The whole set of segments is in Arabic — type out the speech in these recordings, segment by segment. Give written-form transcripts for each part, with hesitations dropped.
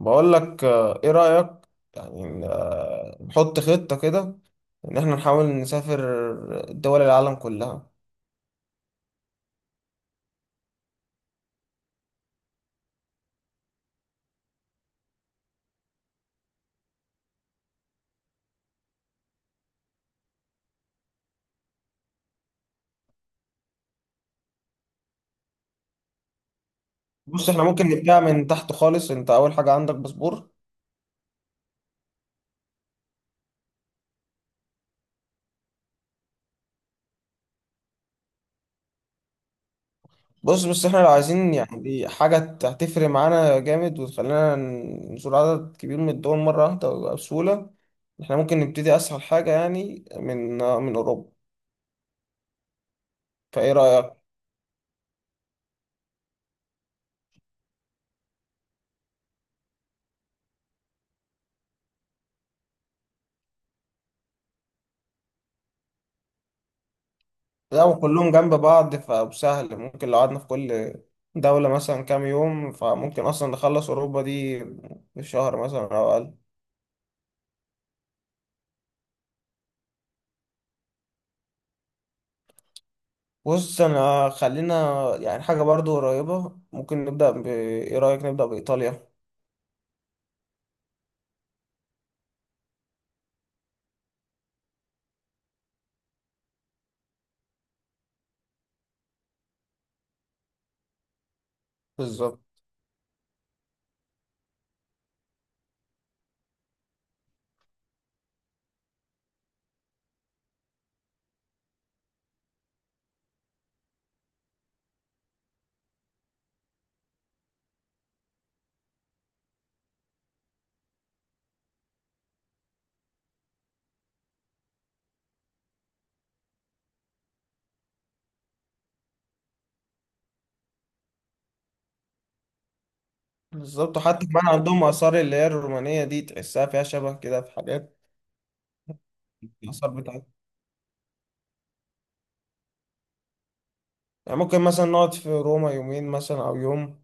بقول لك آه، ايه رأيك؟ يعني نحط خطة كده ان احنا نحاول نسافر دول العالم كلها. بص، احنا ممكن نبدأ من تحت خالص. انت اول حاجة عندك باسبور؟ بص بس احنا لو عايزين يعني حاجة هتفرق معانا جامد وتخلينا نزور عدد كبير من الدول مرة واحدة بسهولة، احنا ممكن نبتدي اسهل حاجة يعني من اوروبا. فايه رأيك؟ لا، وكلهم جنب بعض، فسهل. ممكن لو قعدنا في كل دولة مثلا كام يوم، فممكن أصلا نخلص أوروبا دي في شهر مثلا أو أقل. بص أنا خلينا يعني حاجة برضو قريبة، ممكن نبدأ ب، إيه رأيك نبدأ بإيطاليا؟ بالظبط. بالظبط، حتى كمان عندهم آثار اللي هي الرومانية دي تحسها فيها شبه كده في حاجات. الآثار بتاعتها يعني ممكن مثلا نقعد في روما يومين مثلا أو يوم،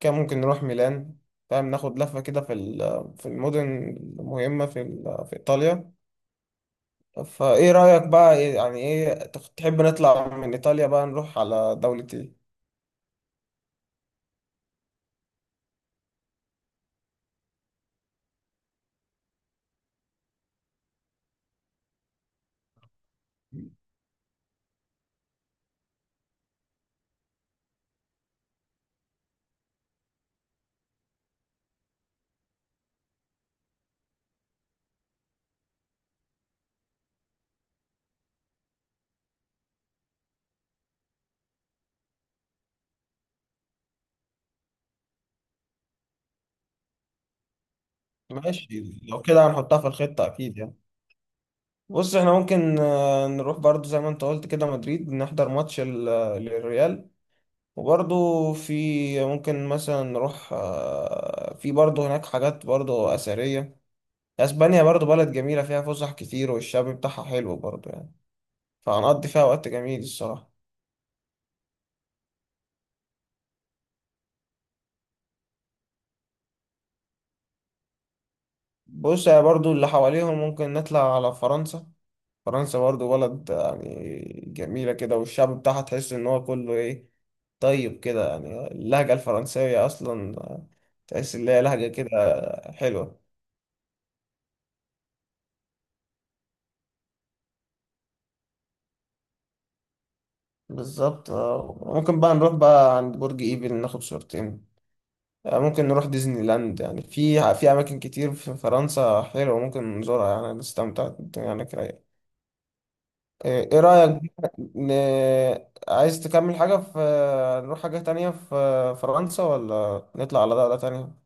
كان ممكن نروح ميلان، فاهم؟ ناخد لفة كده في المدن المهمة في إيطاليا. فايه رأيك بقى؟ تحب نطلع من ايطاليا بقى نروح على دولة ايه؟ ماشي، لو كده هنحطها في الخطة اكيد يعني. بص احنا ممكن نروح برضو زي ما انت قلت كده مدريد، نحضر ماتش للريال. وبرضو في ممكن مثلا نروح، في برضو هناك حاجات برضو أثرية. اسبانيا برضو بلد جميلة، فيها فسح كتير والشعب بتاعها حلو برضو يعني، فهنقضي فيها وقت جميل الصراحة. بص يا، برضو اللي حواليهم ممكن نطلع على فرنسا. فرنسا برضو بلد يعني جميلة كده، والشعب بتاعها تحس إن هو كله إيه، طيب كده يعني. اللهجة الفرنسية أصلا تحس إن هي لهجة كده حلوة. بالظبط. ممكن بقى نروح بقى عند برج إيفل، ناخد صورتين. ممكن نروح ديزني لاند. يعني في أماكن كتير في فرنسا حلوة ممكن نزورها، يعني نستمتع، الدنيا هناك رايقة. إيه رأيك بقى، عايز تكمل حاجة في، نروح حاجة تانية في فرنسا، ولا نطلع على دولة تانية؟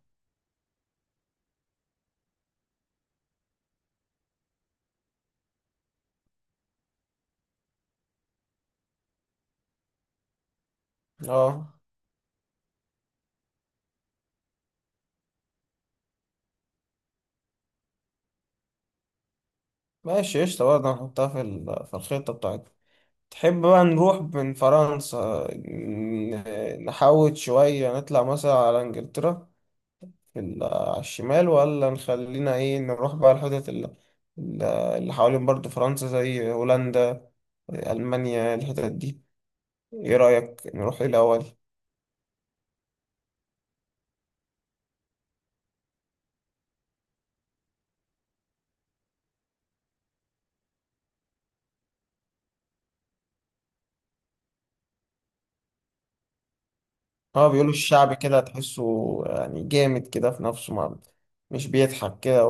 اه، ماشي قشطة برضه، هنحطها في الخطة بتاعتنا. تحب بقى نروح من فرنسا نحوط شوية، نطلع مثلا على انجلترا على الشمال، ولا نخلينا ايه نروح بقى الحتت اللي حوالين برضه فرنسا زي هولندا، ألمانيا، الحتت دي؟ ايه رأيك نروح ايه الأول؟ اه، بيقولوا الشعب كده تحسه يعني جامد كده في نفسه، ما مش بيضحك كده،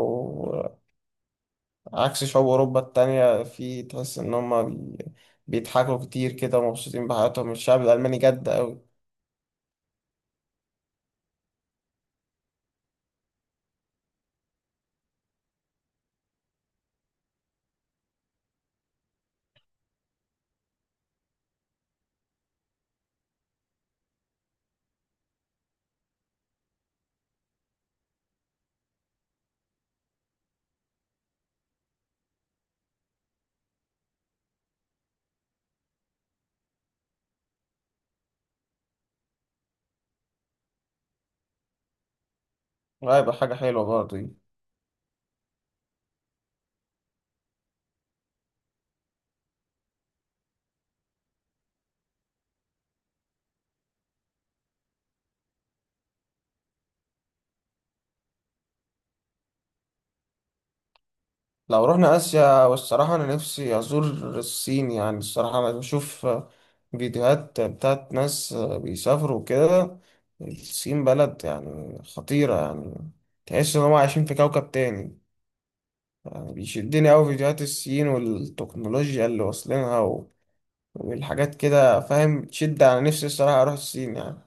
عكس شعوب أوروبا التانية في تحس إن هما بيضحكوا كتير كده ومبسوطين بحياتهم، الشعب الألماني جد أوي. هيبقى حاجة حلوة برضه دي. لو رحنا آسيا، والصراحة أنا نفسي أزور الصين، يعني الصراحة أنا بشوف فيديوهات بتاعت ناس بيسافروا كده. الصين بلد يعني خطيرة، يعني تحس إن هما عايشين في كوكب تاني. يعني بيشدني أوي فيديوهات الصين والتكنولوجيا اللي واصلينها والحاجات كده، فاهم؟ تشد على نفسي الصراحة أروح الصين يعني.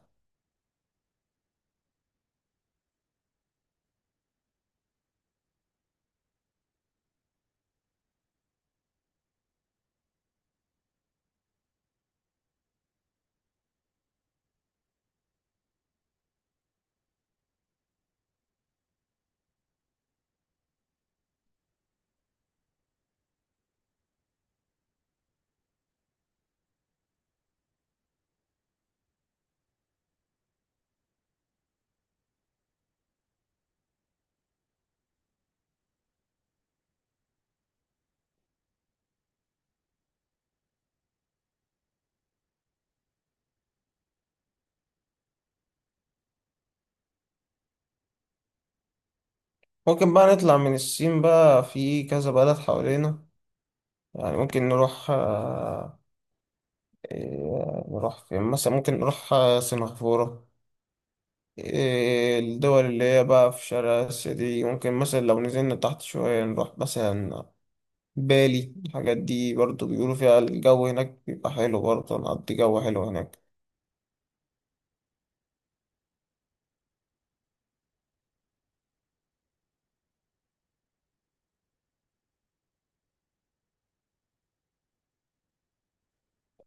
ممكن بقى نطلع من الصين بقى، في كذا بلد حوالينا، يعني ممكن نروح، آه، إيه، نروح فين مثلا؟ ممكن نروح سنغافورة. إيه، الدول اللي هي بقى في شرق آسيا دي ممكن، مثلا لو نزلنا تحت شوية نروح مثلا بالي، الحاجات دي برضو بيقولوا فيها الجو هناك بيبقى حلو، برضو نقضي جو حلو هناك.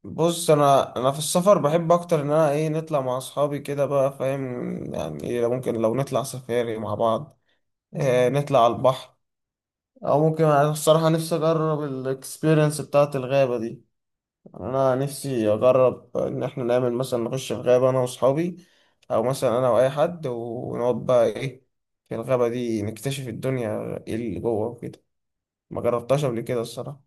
بص انا في السفر بحب اكتر ان انا ايه، نطلع مع اصحابي كده بقى، فاهم يعني؟ إيه، ممكن لو نطلع سفاري مع بعض، إيه نطلع على البحر، او ممكن انا الصراحه نفسي اجرب الاكسبيرينس بتاعه الغابه دي. يعني انا نفسي اجرب ان احنا نعمل مثلا، نخش في غابه انا واصحابي، او مثلا انا واي حد، ونقعد بقى ايه في الغابه دي، نكتشف الدنيا ايه اللي جوه وكده. ما جربتهاش قبل كده الصراحه.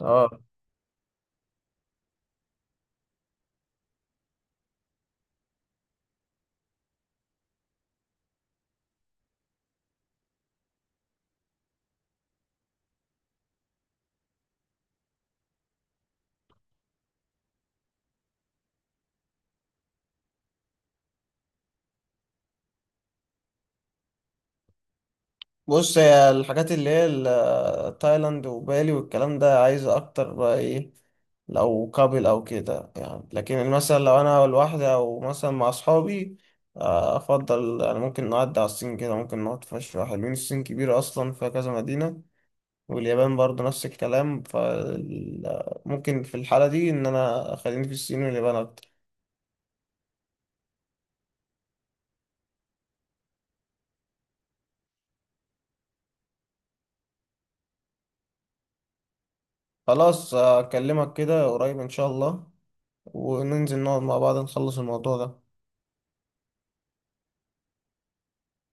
اه، بص هي الحاجات اللي هي تايلاند وبالي والكلام ده عايزة أكتر بقى إيه، لو كابل أو كده يعني. لكن مثلا لو أنا لوحدي أو مثلا مع أصحابي، أفضل يعني ممكن نعدي على الصين كده، ممكن نقعد في شوية حلوين، الصين كبيرة أصلا فيها كذا مدينة، واليابان برضو نفس الكلام. فممكن في الحالة دي إن أنا خليني في الصين واليابان أكتر. خلاص، أكلمك كده قريب إن شاء الله، وننزل نقعد مع بعض نخلص الموضوع ده.